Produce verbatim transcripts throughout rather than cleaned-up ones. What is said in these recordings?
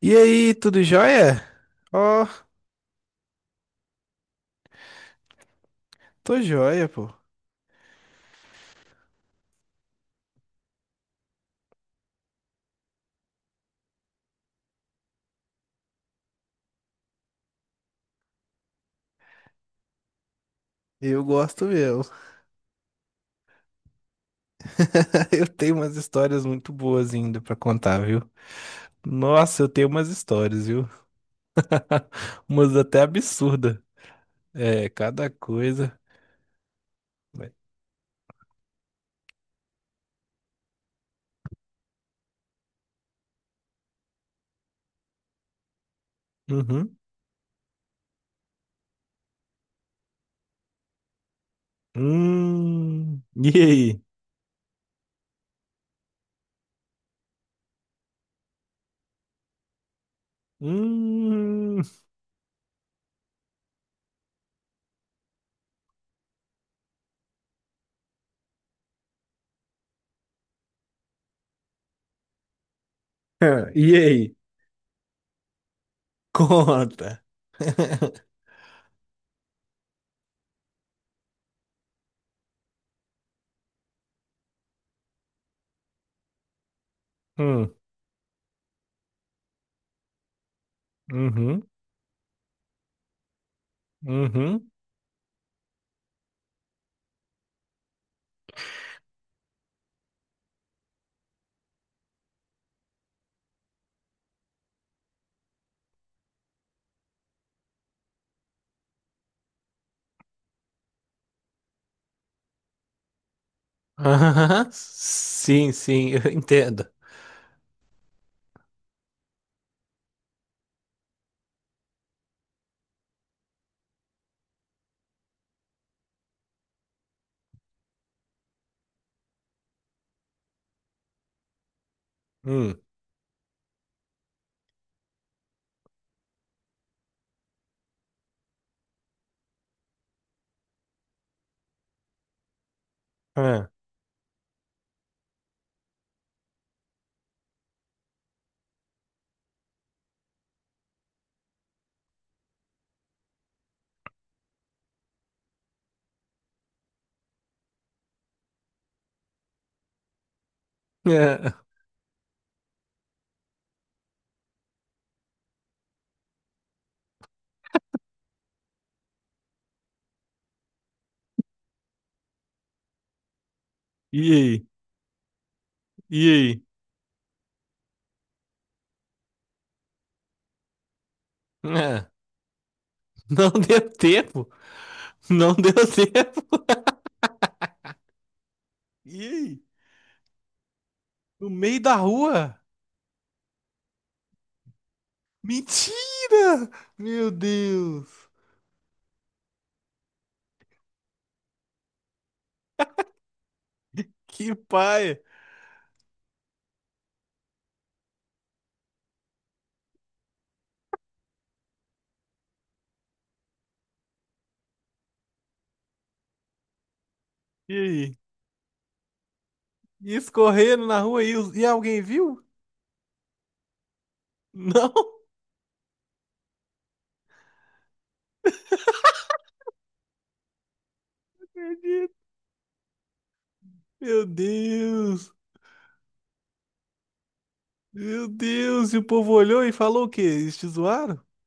E aí, tudo jóia? Ó, tô jóia, pô. Eu gosto mesmo. Eu tenho umas histórias muito boas ainda pra contar, viu? Nossa, eu tenho umas histórias, viu? Umas até absurdas. É, cada coisa. Vai. Uhum. Hum. E aí? Hum. E aí? Conta. Hum. Uhum. Uhum. Sim, sim, eu entendo. Hum. Ah. É. E aí? E aí? É, não deu tempo. Não deu tempo. E aí? No meio da rua? Mentira! Meu Deus! Que paia! E aí? E escorrendo na rua e, os- e alguém viu? Não? Acredito. Meu Deus! Meu Deus! E o povo olhou e falou o quê? Eles te zoaram?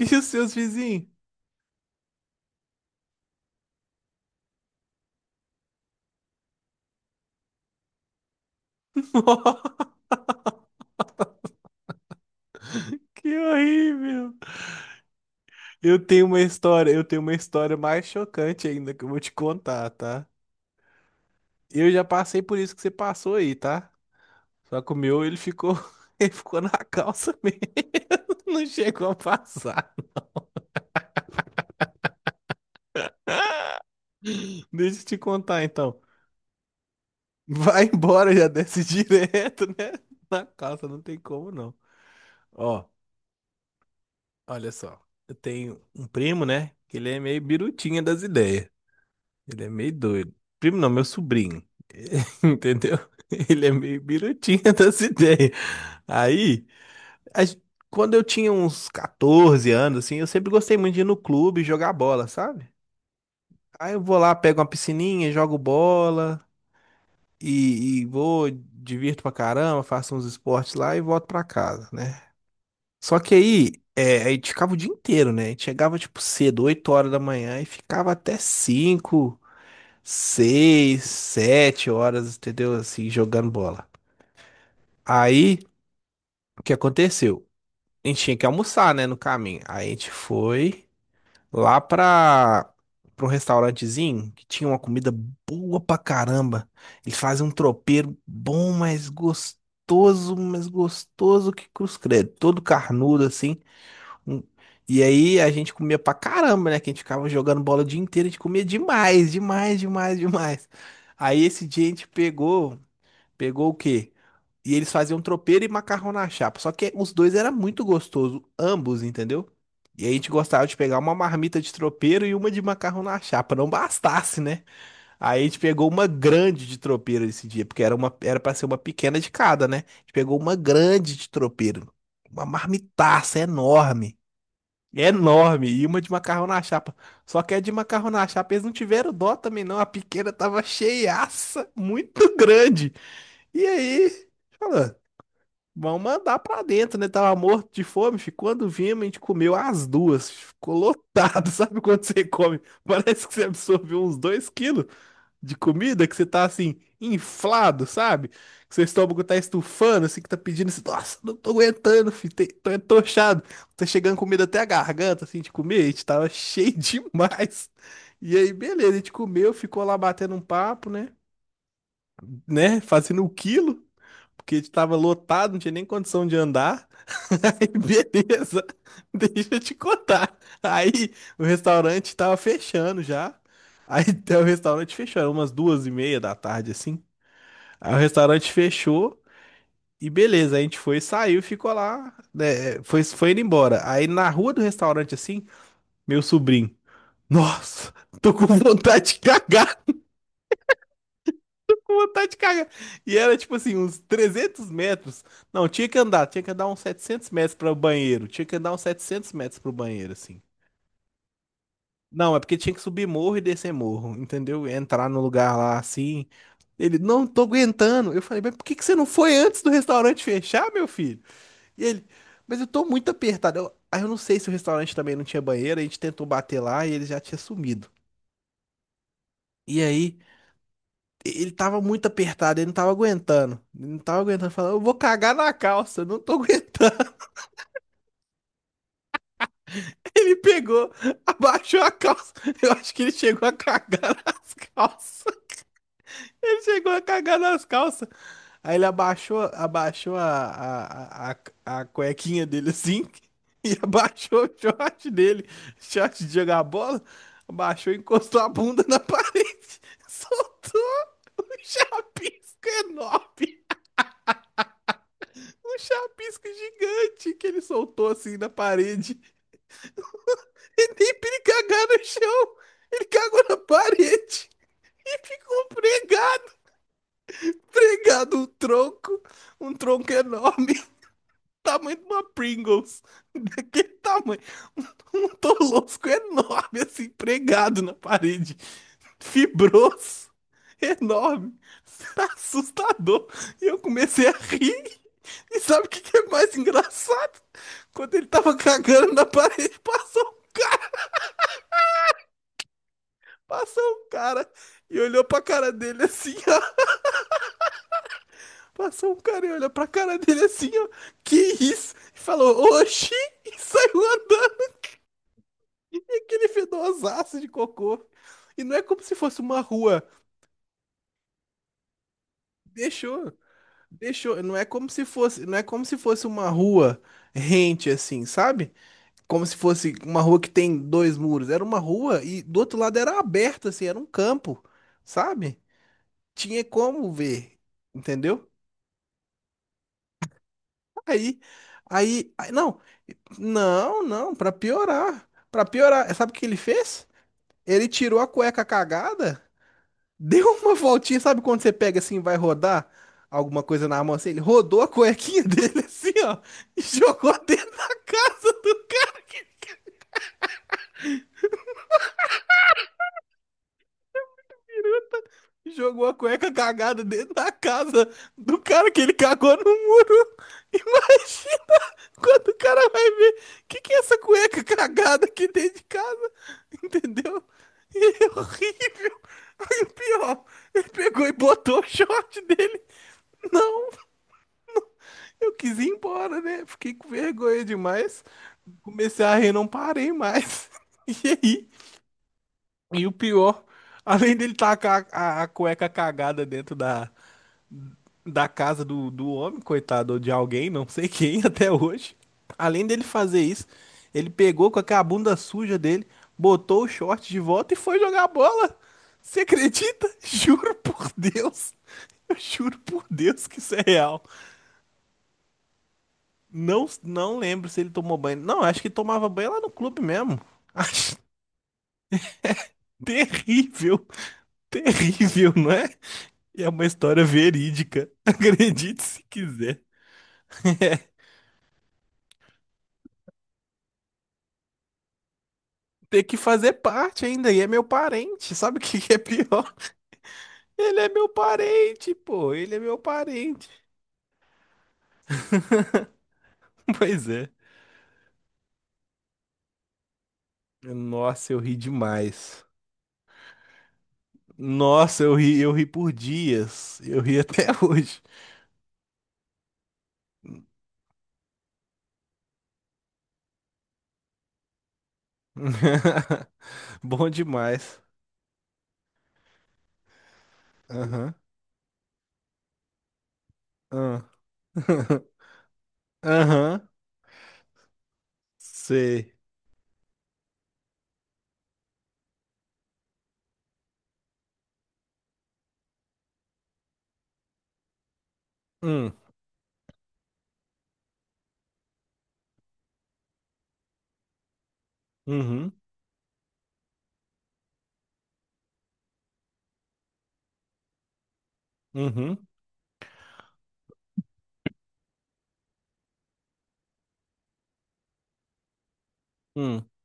E os seus vizinhos? Que horrível! Eu tenho uma história, eu tenho uma história mais chocante ainda que eu vou te contar, tá? Eu já passei por isso que você passou aí, tá? Só que o meu, ele ficou, ele ficou na calça mesmo. Não chegou a passar. Deixa eu te contar então. Vai embora, já desce direto, né? Na calça não tem como não. Ó, olha só. Eu tenho um primo, né? Que ele é meio birutinha das ideias. Ele é meio doido. Primo não, meu sobrinho. Entendeu? Ele é meio birutinha das ideias. Aí. a gen- Quando eu tinha uns quatorze anos, assim, eu sempre gostei muito de ir no clube jogar bola, sabe? Aí eu vou lá, pego uma piscininha, jogo bola e, e vou, divirto pra caramba, faço uns esportes lá e volto pra casa, né? Só que aí, é, a gente ficava o dia inteiro, né? A gente chegava, tipo, cedo, oito horas da manhã e ficava até cinco, seis, sete horas, entendeu? Assim, jogando bola. Aí, o que aconteceu? A gente tinha que almoçar, né, no caminho. Aí a gente foi lá para pra um restaurantezinho que tinha uma comida boa pra caramba. Eles fazem um tropeiro bom, mas gostoso, mas gostoso que cruz credo. Todo carnudo assim. Um- E aí a gente comia pra caramba, né? Que a gente ficava jogando bola o dia inteiro, a gente comia demais, demais, demais, demais. Aí esse dia a gente pegou. Pegou o quê? E eles faziam tropeiro e macarrão na chapa. Só que os dois era muito gostoso, ambos, entendeu? E a gente gostava de pegar uma marmita de tropeiro e uma de macarrão na chapa, não bastasse, né? Aí a gente pegou uma grande de tropeiro esse dia, porque era uma, era para ser uma pequena de cada, né? A gente pegou uma grande de tropeiro, uma marmitaça enorme, enorme, e uma de macarrão na chapa. Só que a de macarrão na chapa eles não tiveram dó também não, a pequena tava cheiaça, muito grande. E aí, fala, vamos mandar pra dentro, né? Tava morto de fome, fi. Quando vimos, a gente comeu as duas. Ficou lotado, sabe quando você come? Parece que você absorveu uns dois quilos de comida, que você tá assim, inflado, sabe? Que seu estômago tá estufando, assim, que tá pedindo assim, nossa, não tô aguentando, fi, te- tô entochado. Tá chegando comida até a garganta, assim, de comer, a gente tava cheio demais. E aí, beleza, a gente comeu, ficou lá batendo um papo, né? Né? Fazendo o quilo porque estava lotado, não tinha nem condição de andar. Aí, beleza, deixa eu te contar. Aí o restaurante estava fechando já. Aí até o restaurante fechou, era umas duas e meia da tarde, assim. Aí o restaurante fechou e beleza, a gente foi, saiu, e ficou lá, né, foi, foi indo embora. Aí na rua do restaurante, assim, meu sobrinho, nossa, tô com vontade de cagar, com vontade de cagar. E era tipo assim, uns trezentos metros. Não, tinha que andar, tinha que andar uns setecentos metros para o banheiro. Tinha que andar uns setecentos metros pro banheiro, assim. Não, é porque tinha que subir morro e descer morro, entendeu? Entrar no lugar lá assim. Ele, não tô aguentando. Eu falei, mas por que que você não foi antes do restaurante fechar, meu filho? E ele, mas eu tô muito apertado. Eu, aí eu não sei se o restaurante também não tinha banheiro. A gente tentou bater lá e ele já tinha sumido. E aí, ele tava muito apertado, ele não tava aguentando. Ele não tava aguentando. Falou, eu vou cagar na calça, eu não tô aguentando. Ele pegou, abaixou a calça. Eu acho que ele chegou a cagar nas calças. Ele chegou a cagar nas calças. Aí ele abaixou, abaixou a, a, a, a, a cuequinha dele assim e abaixou o short dele, short de jogar bola, abaixou e encostou a bunda na parede, soltou um chapisco enorme. Um chapisco gigante que ele soltou assim na parede. E nem pra ele cagar no chão. Ele cagou na parede e ficou pregado, pregado um tronco, um tronco enorme, tamanho de uma Pringles, daquele tamanho, um, um tolosco enorme assim, pregado na parede, fibroso, enorme, assustador. E eu comecei a rir. E sabe o que que é mais engraçado? Quando ele tava cagando na parede, passou, passou um cara e olhou pra cara dele assim, ó. Passou um cara e olhou pra cara dele assim, ó. Que isso? E falou, oxi! E saiu andando. E aquele fedosaço de cocô. E não é como se fosse uma rua. Deixou, deixou. Não é como se fosse, não é como se fosse uma rua rente assim, sabe? Como se fosse uma rua que tem dois muros. Era uma rua e do outro lado era aberta, assim, era um campo, sabe? Tinha como ver, entendeu? Aí, aí, aí- não, não, não, pra piorar, pra piorar, sabe o que ele fez? Ele tirou a cueca cagada, deu uma voltinha, sabe quando você pega assim, e vai rodar alguma coisa na mão assim? Ele rodou a cuequinha dele assim, ó, e jogou dentro da casa do cara. Jogou a cueca cagada dentro da casa do cara que ele cagou no muro. Imagina! Quando o cara vai ver, que que é essa cueca cagada aqui dentro de casa? Entendeu? E é horrível. Aí o pior, ele pegou e botou o short dele. Não, eu quis ir embora, né? Fiquei com vergonha demais. Comecei a rir, não parei mais. E aí? E o pior, além dele tacar a, a cueca cagada dentro da, da casa do, do homem, coitado, ou de alguém, não sei quem até hoje. Além dele fazer isso, ele pegou com aquela bunda suja dele, botou o short de volta e foi jogar bola. Você acredita? Juro por Deus. Eu juro por Deus que isso é real. Não, não lembro se ele tomou banho. Não, acho que tomava banho lá no clube mesmo. Acho terrível, terrível, não é? E é uma história verídica. Acredite se quiser. Ter que fazer parte ainda, e é meu parente. Sabe o que que é pior? Ele é meu parente, pô. Ele é meu parente. Pois é. Nossa, eu ri demais. Nossa, eu ri, eu ri por dias. Eu ri até hoje. Bom demais. Aham. Aham. Aham. Sei. Hum. Uhum. Uhum. Hum.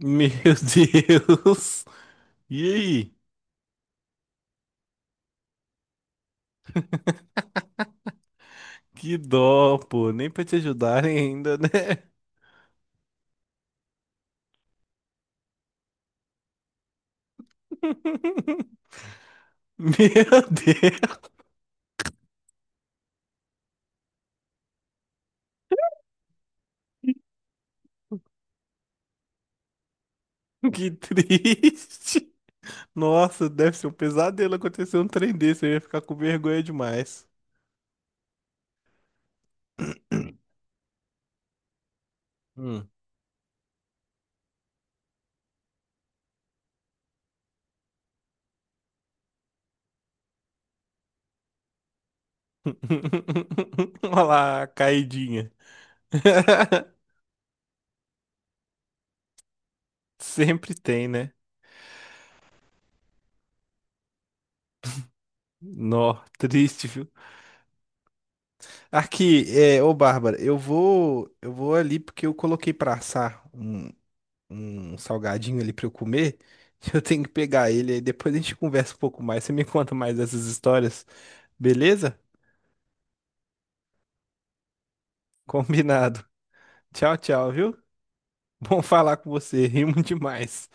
Meu Deus. E aí? Que dó, pô. Nem pra te ajudarem ainda, né? Meu Deus, que triste. Nossa, deve ser um pesadelo acontecer um trem desse. Eu ia ficar com vergonha demais. Hum. Olha lá, a caidinha. Sempre tem, né? Nó, triste, viu? Aqui, é, ô Bárbara, eu vou, eu vou ali porque eu coloquei pra assar um, um salgadinho ali pra eu comer. Eu tenho que pegar ele aí, depois a gente conversa um pouco mais. Você me conta mais dessas histórias, beleza? Combinado. Tchau, tchau, viu? Bom falar com você. Rimo demais.